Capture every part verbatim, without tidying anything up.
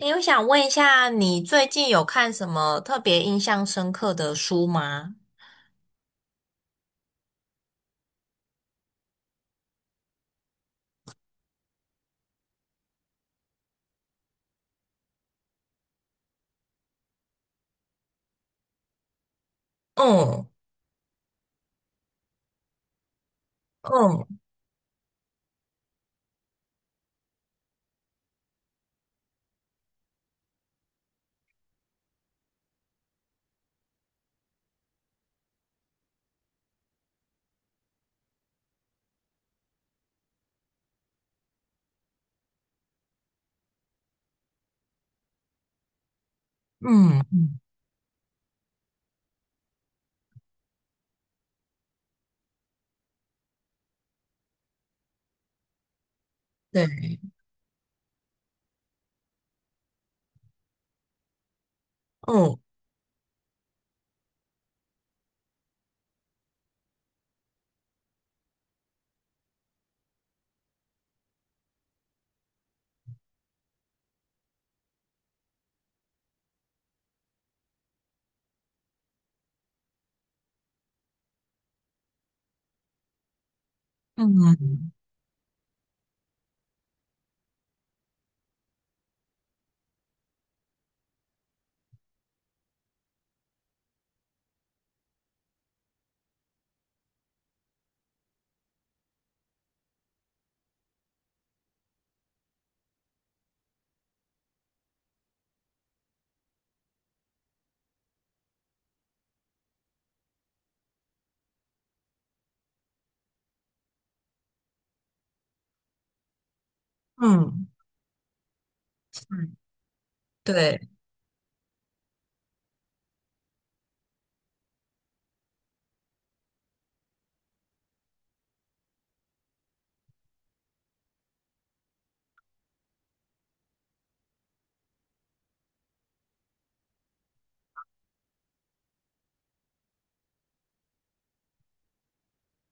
诶，我想问一下，你最近有看什么特别印象深刻的书吗？嗯嗯嗯，嗯对，嗯嗯嗯，嗯，对，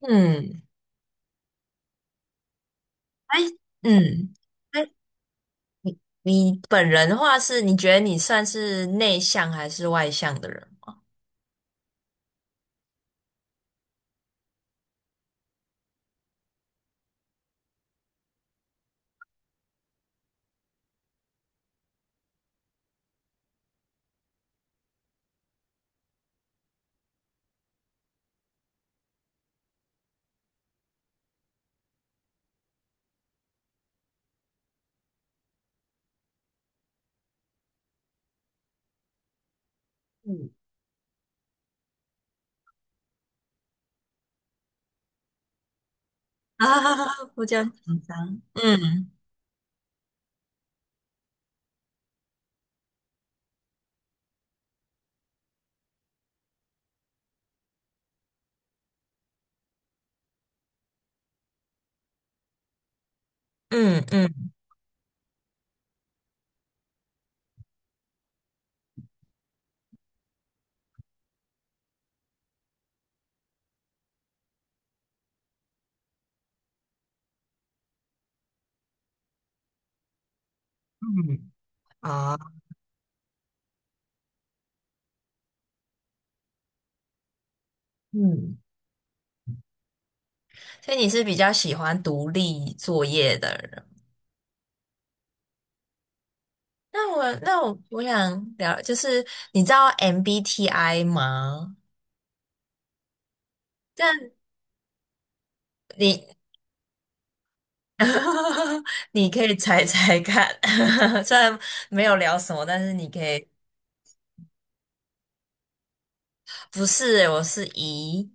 嗯，哎，嗯，哎，你你本人的话是，你觉得你算是内向还是外向的人？嗯啊，不这样紧张。嗯嗯嗯嗯啊，嗯，所以你是比较喜欢独立作业的人。那我那我我想聊，就是你知道 M B T I 吗？但你 你可以猜猜看，虽然没有聊什么，但是你可以，不是欸我是 E，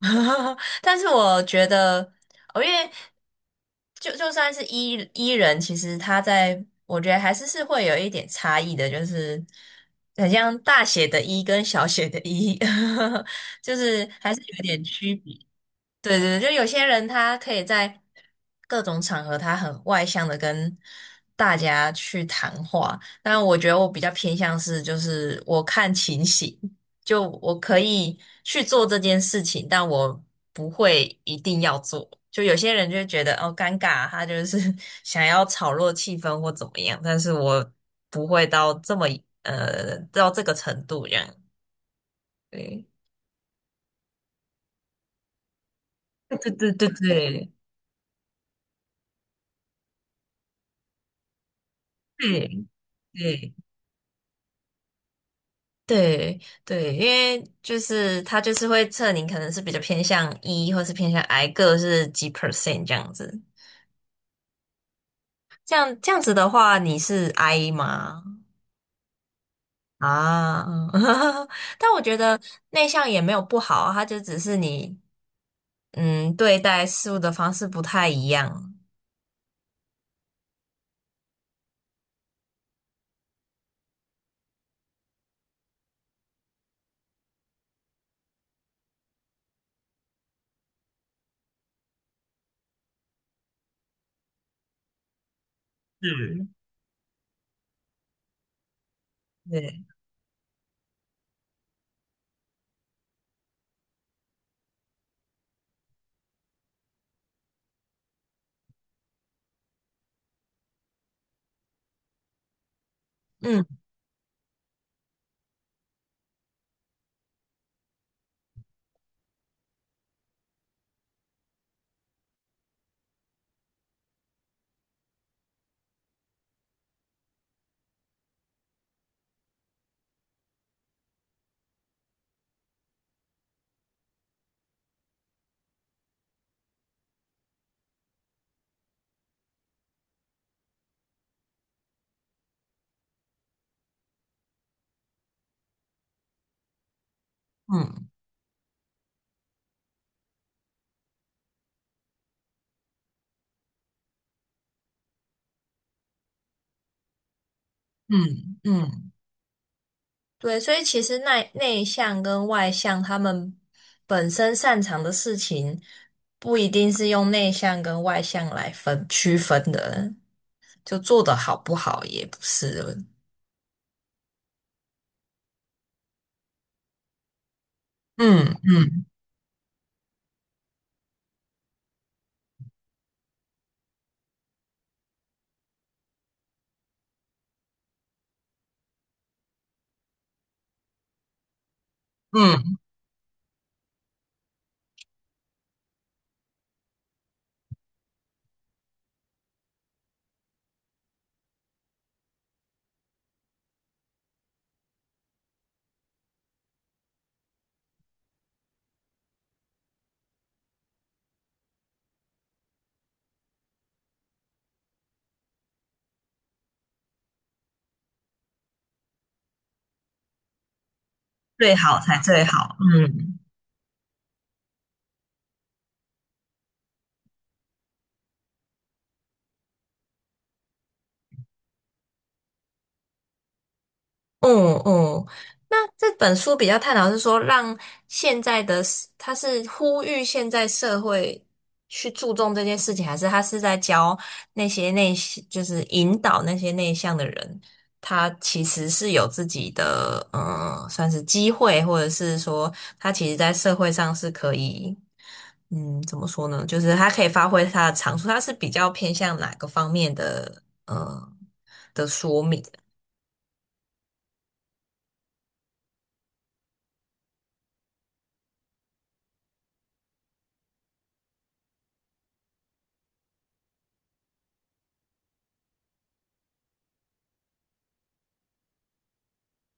但是我觉得，哦，因为就就算是 E E 人，其实他在我觉得还是是会有一点差异的，就是很像大写的 E 跟小写的 E，就是还是有点区别。对对，对就有些人他可以在各种场合，他很外向的跟大家去谈话，但我觉得我比较偏向是，就是我看情形，就我可以去做这件事情，但我不会一定要做。就有些人就会觉得哦尴尬啊，他就是 想要炒热气氛或怎么样，但是我不会到这么呃到这个程度这样。对，对对对对对对。对对对，因为就是他就是会测你可能是比较偏向 E 或是偏向 I 个是几 percent 这样子。这样这样子的话，你是 I 吗？啊，但我觉得内向也没有不好啊，它就只是你嗯对待事物的方式不太一样。嗯，对，嗯嗯嗯嗯，对，所以其实内内向跟外向，他们本身擅长的事情，不一定是用内向跟外向来分区分的，就做得好不好也不是。嗯嗯嗯，最好才最好。嗯。嗯嗯，那这本书比较探讨是说，让现在的他是呼吁现在社会去注重这件事情，还是他是在教那些内向就是引导那些内向的人，他其实是有自己的，嗯，算是机会，或者是说他其实在社会上是可以，嗯，怎么说呢？就是他可以发挥他的长处，他是比较偏向哪个方面的，呃，的说明？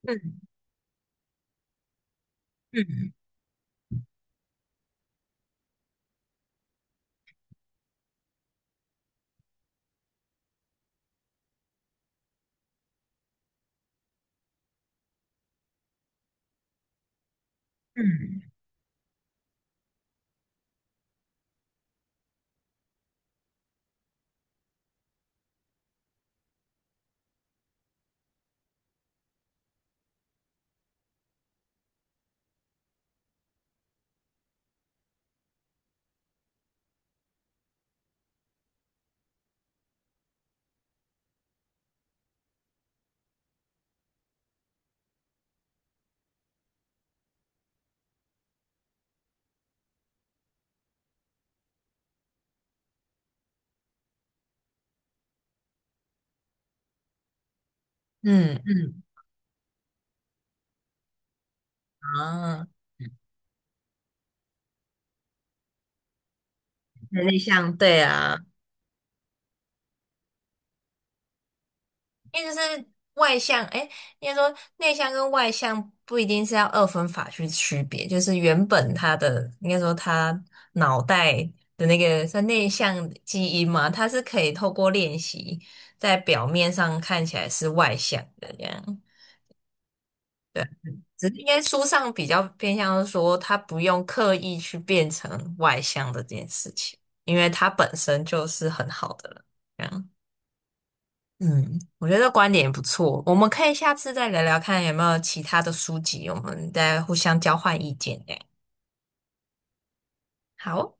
嗯嗯嗯。嗯嗯啊，对内向对啊，因为就是外向，哎，应该说内向跟外向不一定是要二分法去区别，就是原本他的应该说他脑袋的那个算内向基因嘛，他是可以透过练习在表面上看起来是外向的这样。对，只是应该书上比较偏向是说，他不用刻意去变成外向的这件事情，因为他本身就是很好的了。嗯，我觉得观点也不错，我们可以下次再聊聊看有没有其他的书籍，我们再互相交换意见。哎，好哦。